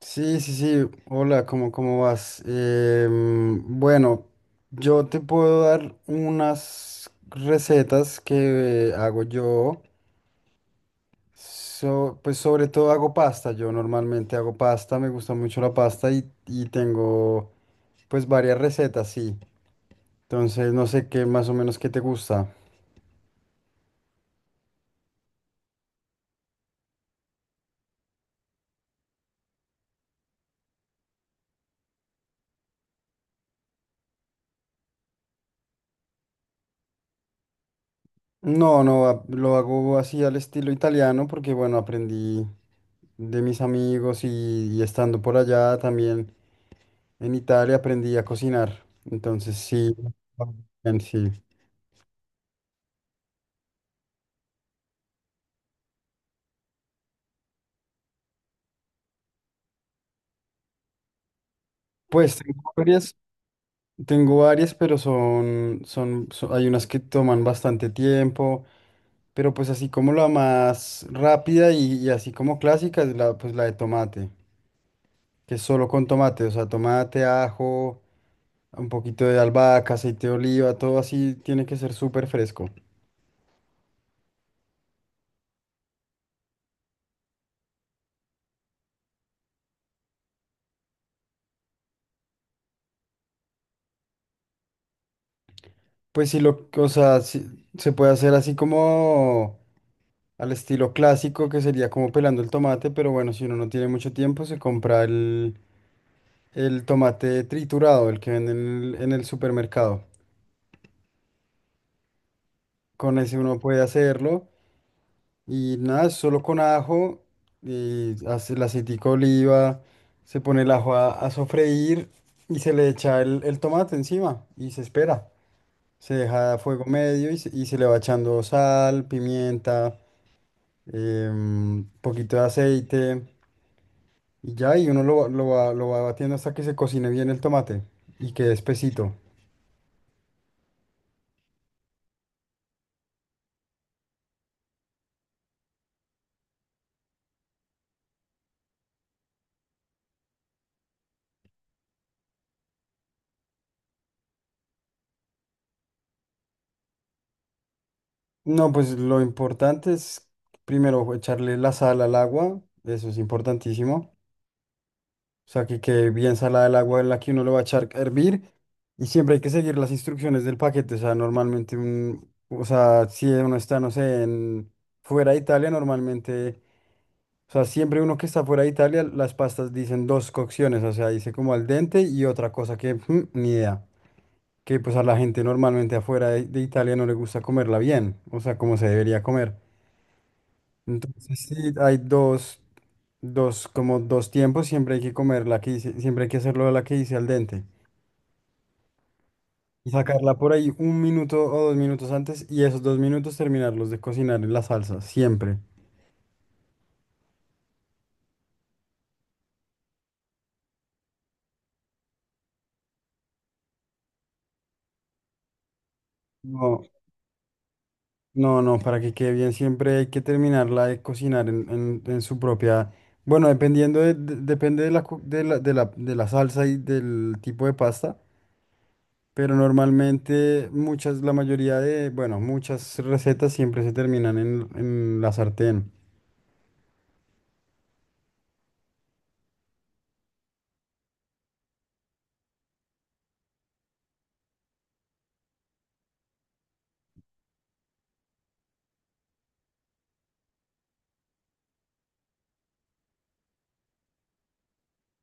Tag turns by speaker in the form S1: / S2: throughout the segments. S1: Sí, sí, sí. Hola, ¿cómo, cómo vas? Bueno, yo te puedo dar unas recetas que hago yo. Pues sobre todo hago pasta. Yo normalmente hago pasta, me gusta mucho la pasta y tengo pues varias recetas, sí. Entonces no sé qué más o menos qué te gusta. No, no, lo hago así al estilo italiano porque bueno, aprendí de mis amigos y estando por allá también. En Italia aprendí a cocinar, entonces sí, en sí. Pues tengo varias, pero hay unas que toman bastante tiempo, pero pues así como la más rápida y así como clásica es la, pues la de tomate, que es solo con tomate, o sea, tomate, ajo, un poquito de albahaca, aceite de oliva, todo así tiene que ser súper fresco. Pues sí, lo, o sea, sí, se puede hacer así como al estilo clásico, que sería como pelando el tomate, pero bueno, si uno no tiene mucho tiempo, se compra el tomate triturado, el que venden en en el supermercado. Con ese uno puede hacerlo y nada, es solo con ajo y hace el aceitico de oliva, se pone el ajo a sofreír y se le echa el tomate encima y se espera. Se deja a fuego medio y se le va echando sal, pimienta, un poquito de aceite y ya, y uno lo va batiendo hasta que se cocine bien el tomate y quede espesito. No, pues lo importante es primero echarle la sal al agua, eso es importantísimo. O sea, que quede bien salada el agua en la que uno lo va a echar a hervir y siempre hay que seguir las instrucciones del paquete. O sea, normalmente, o sea, si uno está, no sé, en, fuera de Italia, normalmente. O sea, siempre uno que está fuera de Italia, las pastas dicen dos cocciones, o sea, dice como al dente y otra cosa que ni idea. Que pues a la gente normalmente afuera de Italia no le gusta comerla bien, o sea, como se debería comer. Entonces sí, hay dos, como dos tiempos, siempre hay que comer la que dice, siempre hay que hacerlo la que dice al dente. Y sacarla por ahí un minuto o dos minutos antes y esos dos minutos terminarlos de cocinar en la salsa, siempre. No, no, no, para que quede bien siempre hay que terminarla de cocinar en, en su propia... Bueno, dependiendo depende de la, cu- de la, de la, de la salsa y del tipo de pasta, pero normalmente muchas, la mayoría de, bueno, muchas recetas siempre se terminan en la sartén.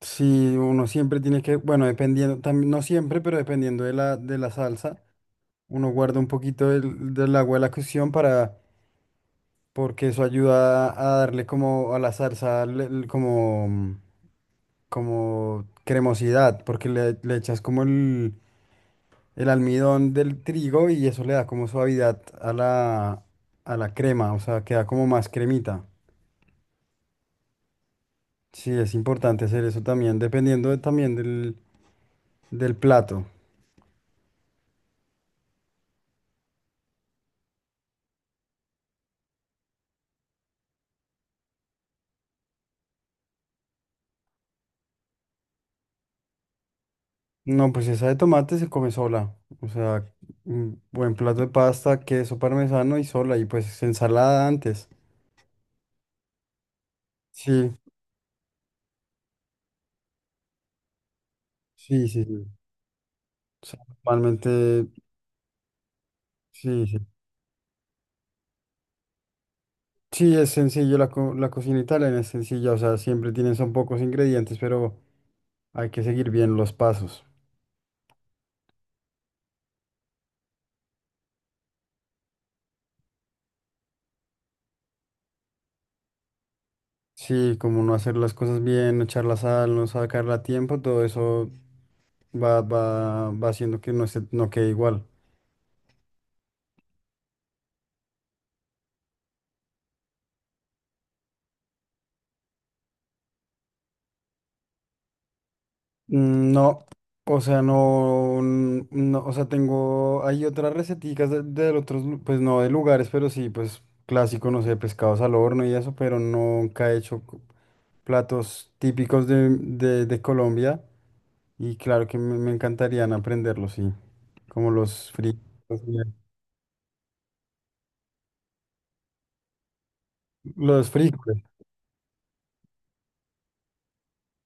S1: Si uno siempre tiene que, bueno, dependiendo, también, no siempre, pero dependiendo de de la salsa, uno guarda un poquito del agua de la cocción para, porque eso ayuda a darle como a la salsa, como... como cremosidad, porque le echas como el almidón del trigo y eso le da como suavidad a la crema, o sea, queda como más cremita. Sí, es importante hacer eso también, dependiendo también del, del plato. No, pues esa de tomate se come sola, o sea, un buen plato de pasta, queso parmesano y sola, y pues ensalada antes. Sí, sí, sí. Sí. O sea, normalmente, sí, sí. Sí, es sencillo, la, la cocina italiana es sencilla, o sea, siempre tienen, son pocos ingredientes, pero hay que seguir bien los pasos. Sí, como no hacer las cosas bien, no echar la sal, no sacarla a tiempo, todo eso va haciendo que no quede igual. Mm, no, o sea, no, no, o sea, tengo, hay otras receticas de otros, pues no de lugares, pero sí, pues clásico, no sé, pescados al horno y eso, pero nunca he hecho platos típicos de, de Colombia. Y claro que me encantarían aprenderlo, sí. Como los frijoles. Los frijoles.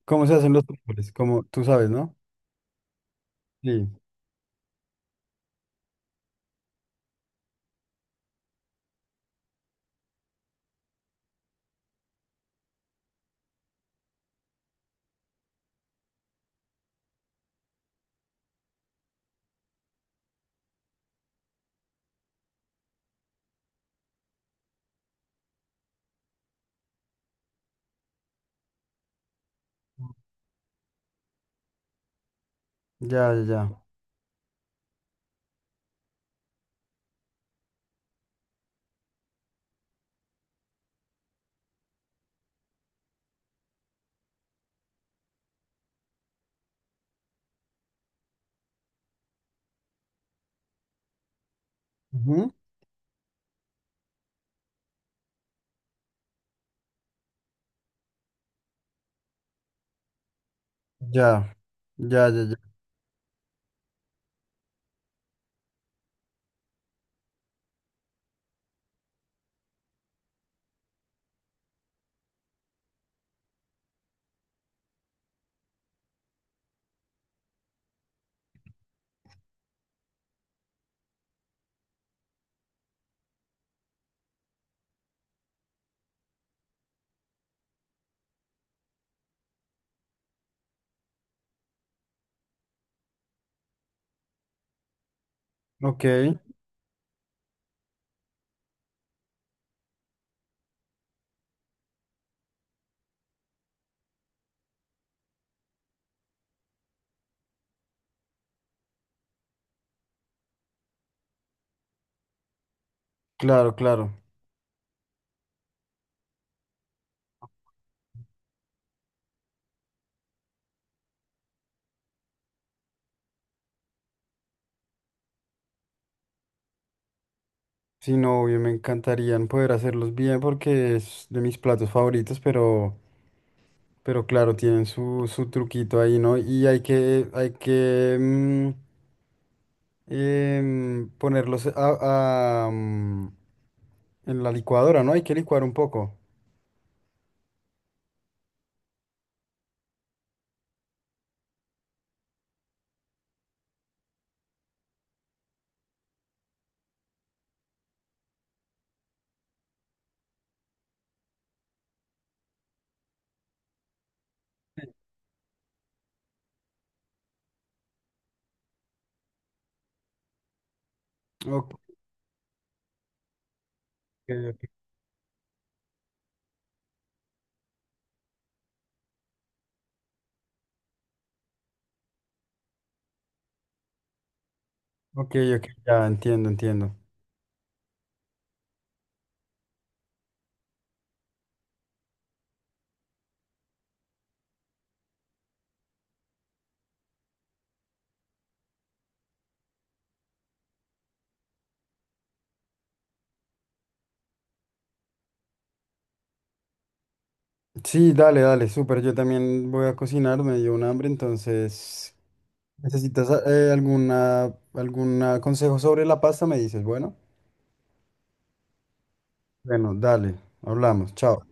S1: ¿Cómo se hacen los frijoles? Como tú sabes, ¿no? Sí. Ya, ya, ya. Ujú. Ya, ya, ya, ya. Ok, claro, claro. Sí, no, obvio, me encantarían poder hacerlos bien porque es de mis platos favoritos, pero claro, tienen su, su truquito ahí, ¿no? Y hay que ponerlos a, en la licuadora, ¿no? Hay que licuar un poco. Ok, ok, ok, ok, ya entiendo, entiendo. Sí, dale, dale, súper. Yo también voy a cocinar, me dio un hambre, entonces, ¿necesitas alguna, algún consejo sobre la pasta? Me dices, bueno. Bueno, dale, hablamos, chao.